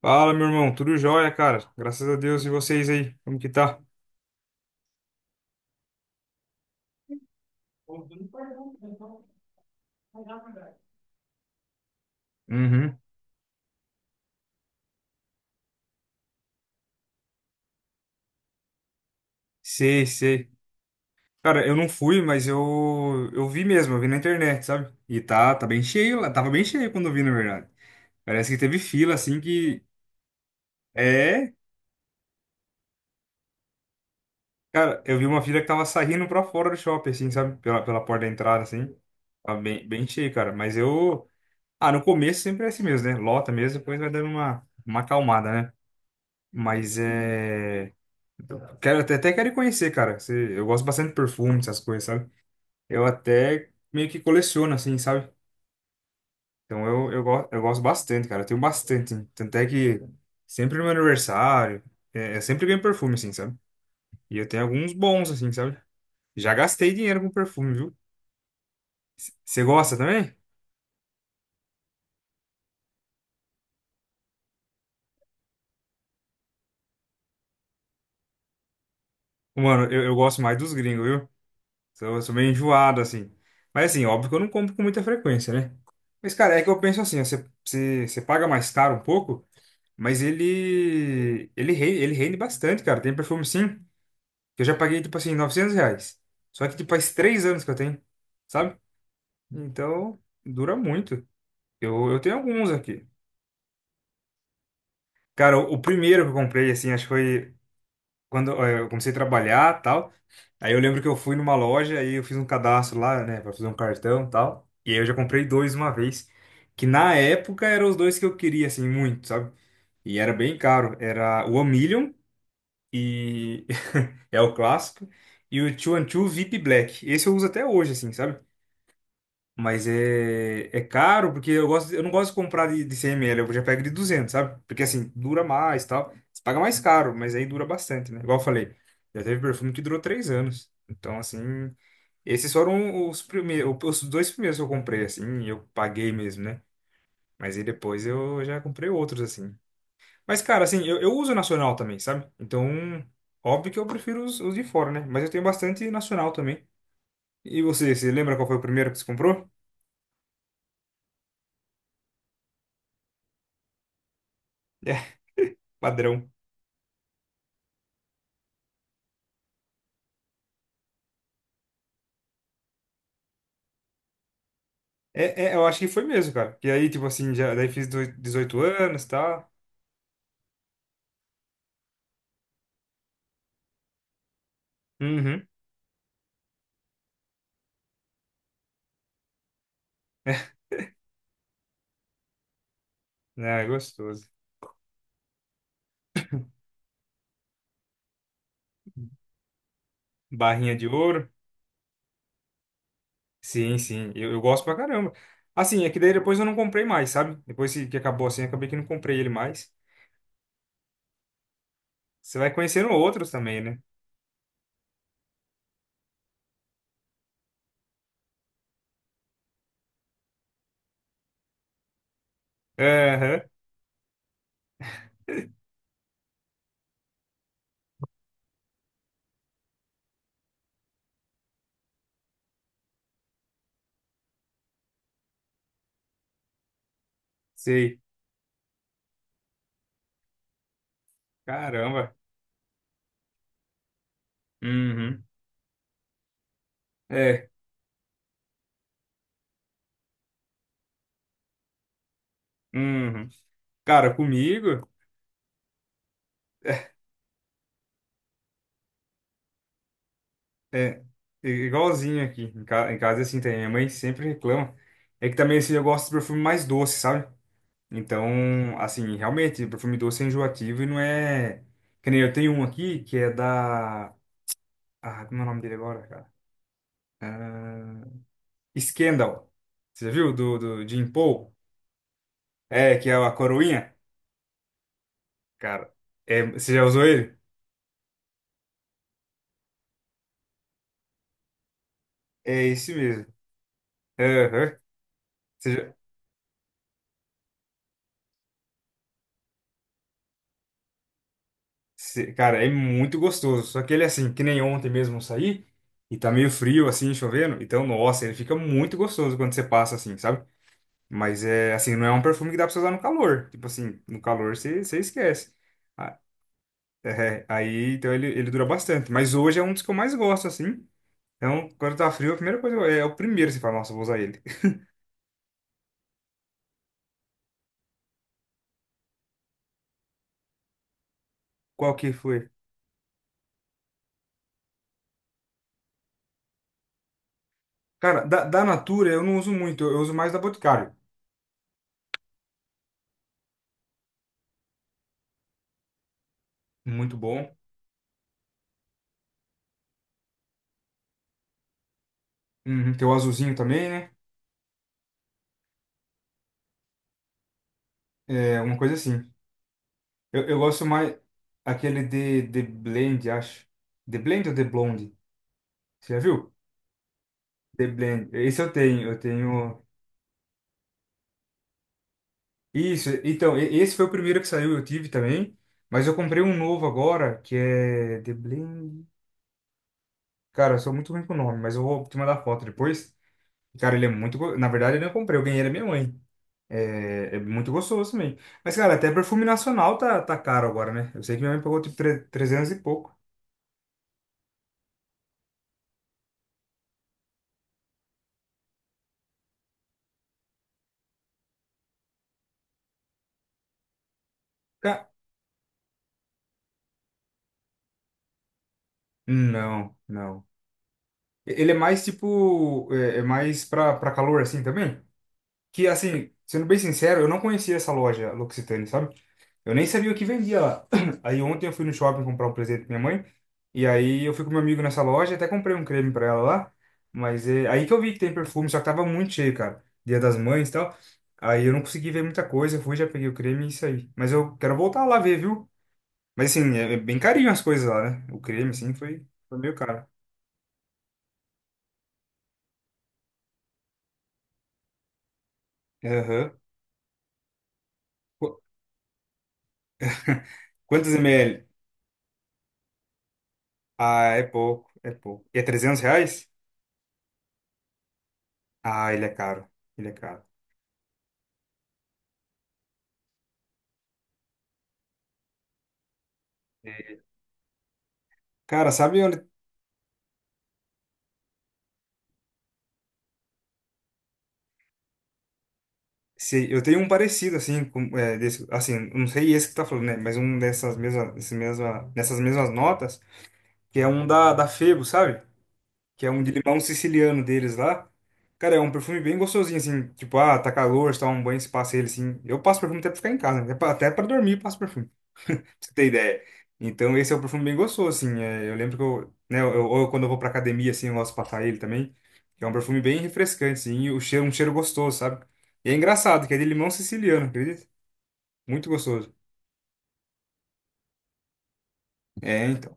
Fala, meu irmão, tudo jóia, cara? Graças a Deus e vocês aí, como que tá? Uhum. Sei, sei. Cara, eu não fui, mas eu vi mesmo, eu vi na internet, sabe? E tá bem cheio lá, tava bem cheio quando eu vi, na verdade. Parece que teve fila, assim, que... É, cara, eu vi uma fila que tava saindo pra fora do shopping, assim, sabe? Pela porta da entrada, assim. Tava bem cheio, cara. Mas eu... Ah, no começo sempre é assim mesmo, né? Lota mesmo, depois vai dando uma acalmada, né? Mas é... Então, quero, até quero ir conhecer, cara. Você- eu gosto bastante de perfume, essas coisas, sabe? Eu até meio que coleciono, assim, sabe? Então eu gosto bastante, cara. Eu tenho bastante. Hein? Tanto é que sempre no meu aniversário, é, eu sempre ganho perfume, assim, sabe? E eu tenho alguns bons, assim, sabe? Já gastei dinheiro com perfume, viu? Você gosta também? Mano, eu gosto mais dos gringos, viu? Sou meio enjoado, assim. Mas, assim, óbvio que eu não compro com muita frequência, né? Mas, cara, é que eu penso assim, ó, você paga mais caro um pouco. Mas ele rende, ele rende bastante, cara. Tem perfume sim, que eu já paguei, tipo assim, 900 reais. Só que, tipo, faz 3 anos que eu tenho, sabe? Então, dura muito. Eu tenho alguns aqui. Cara, o primeiro que eu comprei, assim, acho que foi quando eu comecei a trabalhar e tal. Aí eu lembro que eu fui numa loja e eu fiz um cadastro lá, né, pra fazer um cartão e tal. E aí eu já comprei dois uma vez. Que na época eram os dois que eu queria, assim, muito, sabe? E era bem caro. Era o One Million. E, É o clássico. E o 212 VIP Black. Esse eu uso até hoje, assim, sabe? Mas é caro, porque eu gosto, eu não gosto de comprar de 100 ml, eu já pego de 200, sabe? Porque assim, dura mais e tal. Você paga mais caro, mas aí dura bastante, né? Igual eu falei, já teve perfume que durou 3 anos. Então, assim, esses foram os primeiros, os dois primeiros que eu comprei, assim, e eu paguei mesmo, né? Mas aí depois eu já comprei outros, assim. Mas, cara, assim, eu uso nacional também, sabe? Então, óbvio que eu prefiro os de fora, né? Mas eu tenho bastante nacional também. E você lembra qual foi o primeiro que você comprou? É, padrão. É, eu acho que foi mesmo, cara. E aí, tipo assim, já, daí fiz 18 anos e tal. Uhum. É gostoso. Barrinha de ouro. Sim, sim. Eu gosto pra caramba. Assim, é que daí depois eu não comprei mais, sabe? Depois que acabou assim, acabei que não comprei ele mais. Você vai conhecendo outros também, né? Aham, sei. Caramba. Uhum. É. Uhum. Cara, comigo é é é igualzinho aqui. Em casa, é assim, tem. Minha mãe sempre reclama. É que também, assim, eu gosto de perfume mais doce, sabe? Então, assim, realmente, perfume doce é enjoativo e não é. Que nem eu tenho um aqui que é da. Ah, como é o nome dele agora, cara? Ah, Scandal. Você já viu? Do Jim Paul? É, que é a coroinha. Cara, é... você já usou ele? É esse mesmo. Aham. Você já- Cara, é muito gostoso. Só que ele, assim, que nem ontem mesmo eu saí, e tá meio frio, assim, chovendo. Então, nossa, ele fica muito gostoso quando você passa, assim, sabe? Mas é, assim, não é um perfume que dá pra você usar no calor. Tipo assim, no calor você esquece. Ah, é, aí, então, ele dura bastante. Mas hoje é um dos que eu mais gosto, assim. Então, quando tá frio, a primeira coisa, é o primeiro que você fala, nossa, eu vou usar ele. Qual que foi? Cara, da Natura eu não uso muito, eu uso mais da Boticário. Muito bom. Uhum, tem o azulzinho também, né? É, uma coisa assim. Eu gosto mais aquele de The Blend, acho. The Blend ou The Blonde? Você já viu? The Blend. Esse eu tenho, eu tenho. Isso, então, esse foi o primeiro que saiu, eu tive também. Mas eu comprei um novo agora, que é The Blend. Cara, eu sou muito ruim com o nome, mas eu vou te mandar foto depois. Cara, ele é muito. Na verdade, eu não comprei, eu ganhei da minha mãe. É muito gostoso também. Mas, cara, até perfume nacional tá caro agora, né? Eu sei que minha mãe pagou tipo 300 e pouco. Ca- Não, não. Ele é mais tipo, é mais pra calor assim também. Que assim, sendo bem sincero, eu não conhecia essa loja L'Occitane, sabe? Eu nem sabia o que vendia lá. Aí ontem eu fui no shopping comprar um presente pra minha mãe. E aí eu fui com meu amigo nessa loja, até comprei um creme pra ela lá. Mas é aí que eu vi que tem perfume, só que tava muito cheio, cara. Dia das Mães e tal. Aí eu não consegui ver muita coisa, fui, já peguei o creme e isso aí. Mas eu quero voltar lá ver, viu? Mas assim, é bem carinho as coisas lá, né? O creme, assim, foi meio caro. Aham. Qu- Quantos ml? Ah, é pouco, é pouco. E é 300 reais? Ah, ele é caro, ele é caro. Cara, sabe onde... Eu tenho um parecido, assim, com, é, desse, assim, não sei esse que tá falando, né? Mas um dessas mesmas, desse mesma, nessas mesmas notas, que é um da Febo, sabe? Que é um de limão siciliano deles lá. Cara, é um perfume bem gostosinho, assim, tipo, ah, tá calor, você toma um banho, se passa ele, assim. Eu passo perfume até pra ficar em casa, né? Até pra dormir, eu passo perfume. Pra você ter ideia. Então, esse é um perfume bem gostoso, assim. É, eu lembro que eu, né, quando eu vou pra academia, assim, eu gosto de passar ele também. Que é um perfume bem refrescante, assim, e o cheiro, um cheiro gostoso, sabe? E é engraçado, que é de limão siciliano, acredita? Muito gostoso. É, então.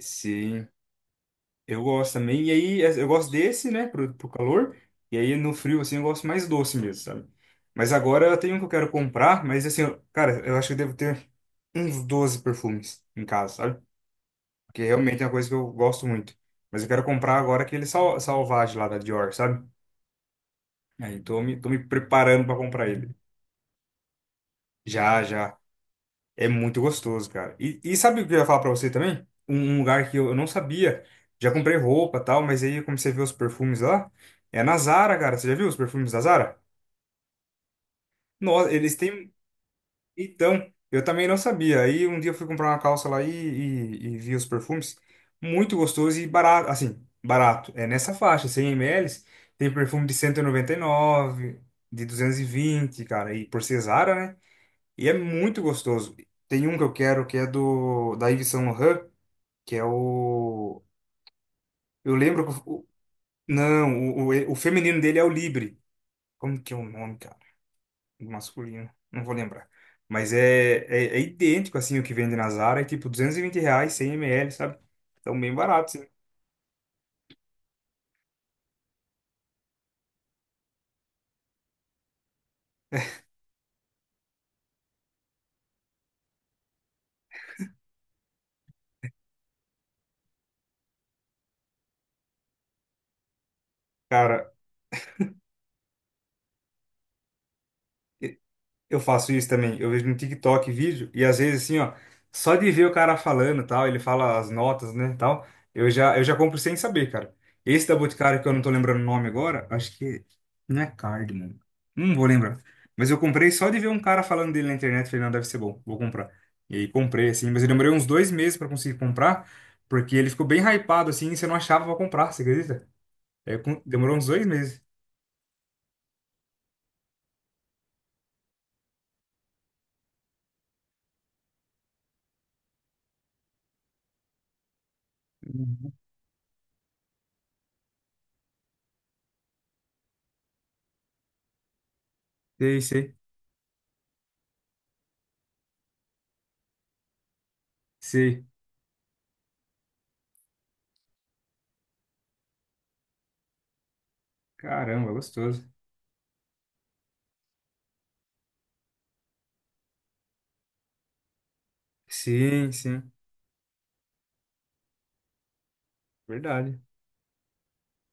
Sim, eu gosto também. E aí, é, eu gosto desse, né, pro calor. E aí, no frio, assim, eu gosto mais doce mesmo, sabe? Mas agora eu tenho um que eu quero comprar, mas assim, cara, eu acho que eu devo ter uns 12 perfumes em casa, sabe? Que realmente é uma coisa que eu gosto muito. Mas eu quero comprar agora aquele salvage lá da Dior, sabe? Aí tô me preparando para comprar ele. Já, já. É muito gostoso, cara. E sabe o que eu ia falar pra você também? Um lugar que eu não sabia. Já comprei roupa e tal, mas aí eu comecei a ver os perfumes lá. É na Zara, cara. Você já viu os perfumes da Zara? Nossa, eles têm. Então, eu também não sabia. Aí um dia eu fui comprar uma calça lá e vi os perfumes. Muito gostoso e barato. Assim, barato. É nessa faixa, 100 ml. Tem perfume de 199 de 220 cara. E por Cesara, né? E é muito gostoso. Tem um que eu quero que é do da Yves Saint Laurent, que é o. Eu lembro que. Não, o feminino dele é o Libre. Como que é o nome, masculino, não vou lembrar. Mas é idêntico, assim, o que vende na Zara, é tipo 220 reais, 100 ml, sabe? Então, bem barato, assim. Cara, eu faço isso também. Eu vejo no TikTok vídeo e às vezes assim, ó, só de ver o cara falando, e tal, ele fala as notas, né, tal, eu já compro sem saber, cara. Esse da Boticário que eu não tô lembrando o nome agora, acho que não é Cardamom. Não vou lembrar. Mas eu comprei só de ver um cara falando dele na internet, falei, não, deve ser bom, vou comprar. E aí comprei assim, mas eu demorei uns 2 meses pra conseguir comprar, porque ele ficou bem hypado assim, e você não achava pra comprar, você acredita? Aí eu demorou uns 2 meses. Uhum. Sei, sei, sei. Caramba, gostoso. Sim, sim. Verdade.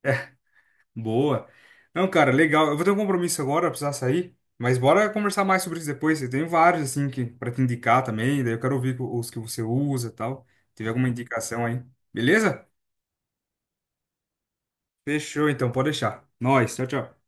É, boa. Não, cara, legal. Eu vou ter um compromisso agora, eu precisar sair. Mas bora conversar mais sobre isso depois. Eu tenho vários, assim, que, pra te indicar também. Daí eu quero ouvir os que você usa e tal. Tiver alguma indicação aí. Beleza? Fechou, então. Pode deixar. Nós. Tchau, tchau.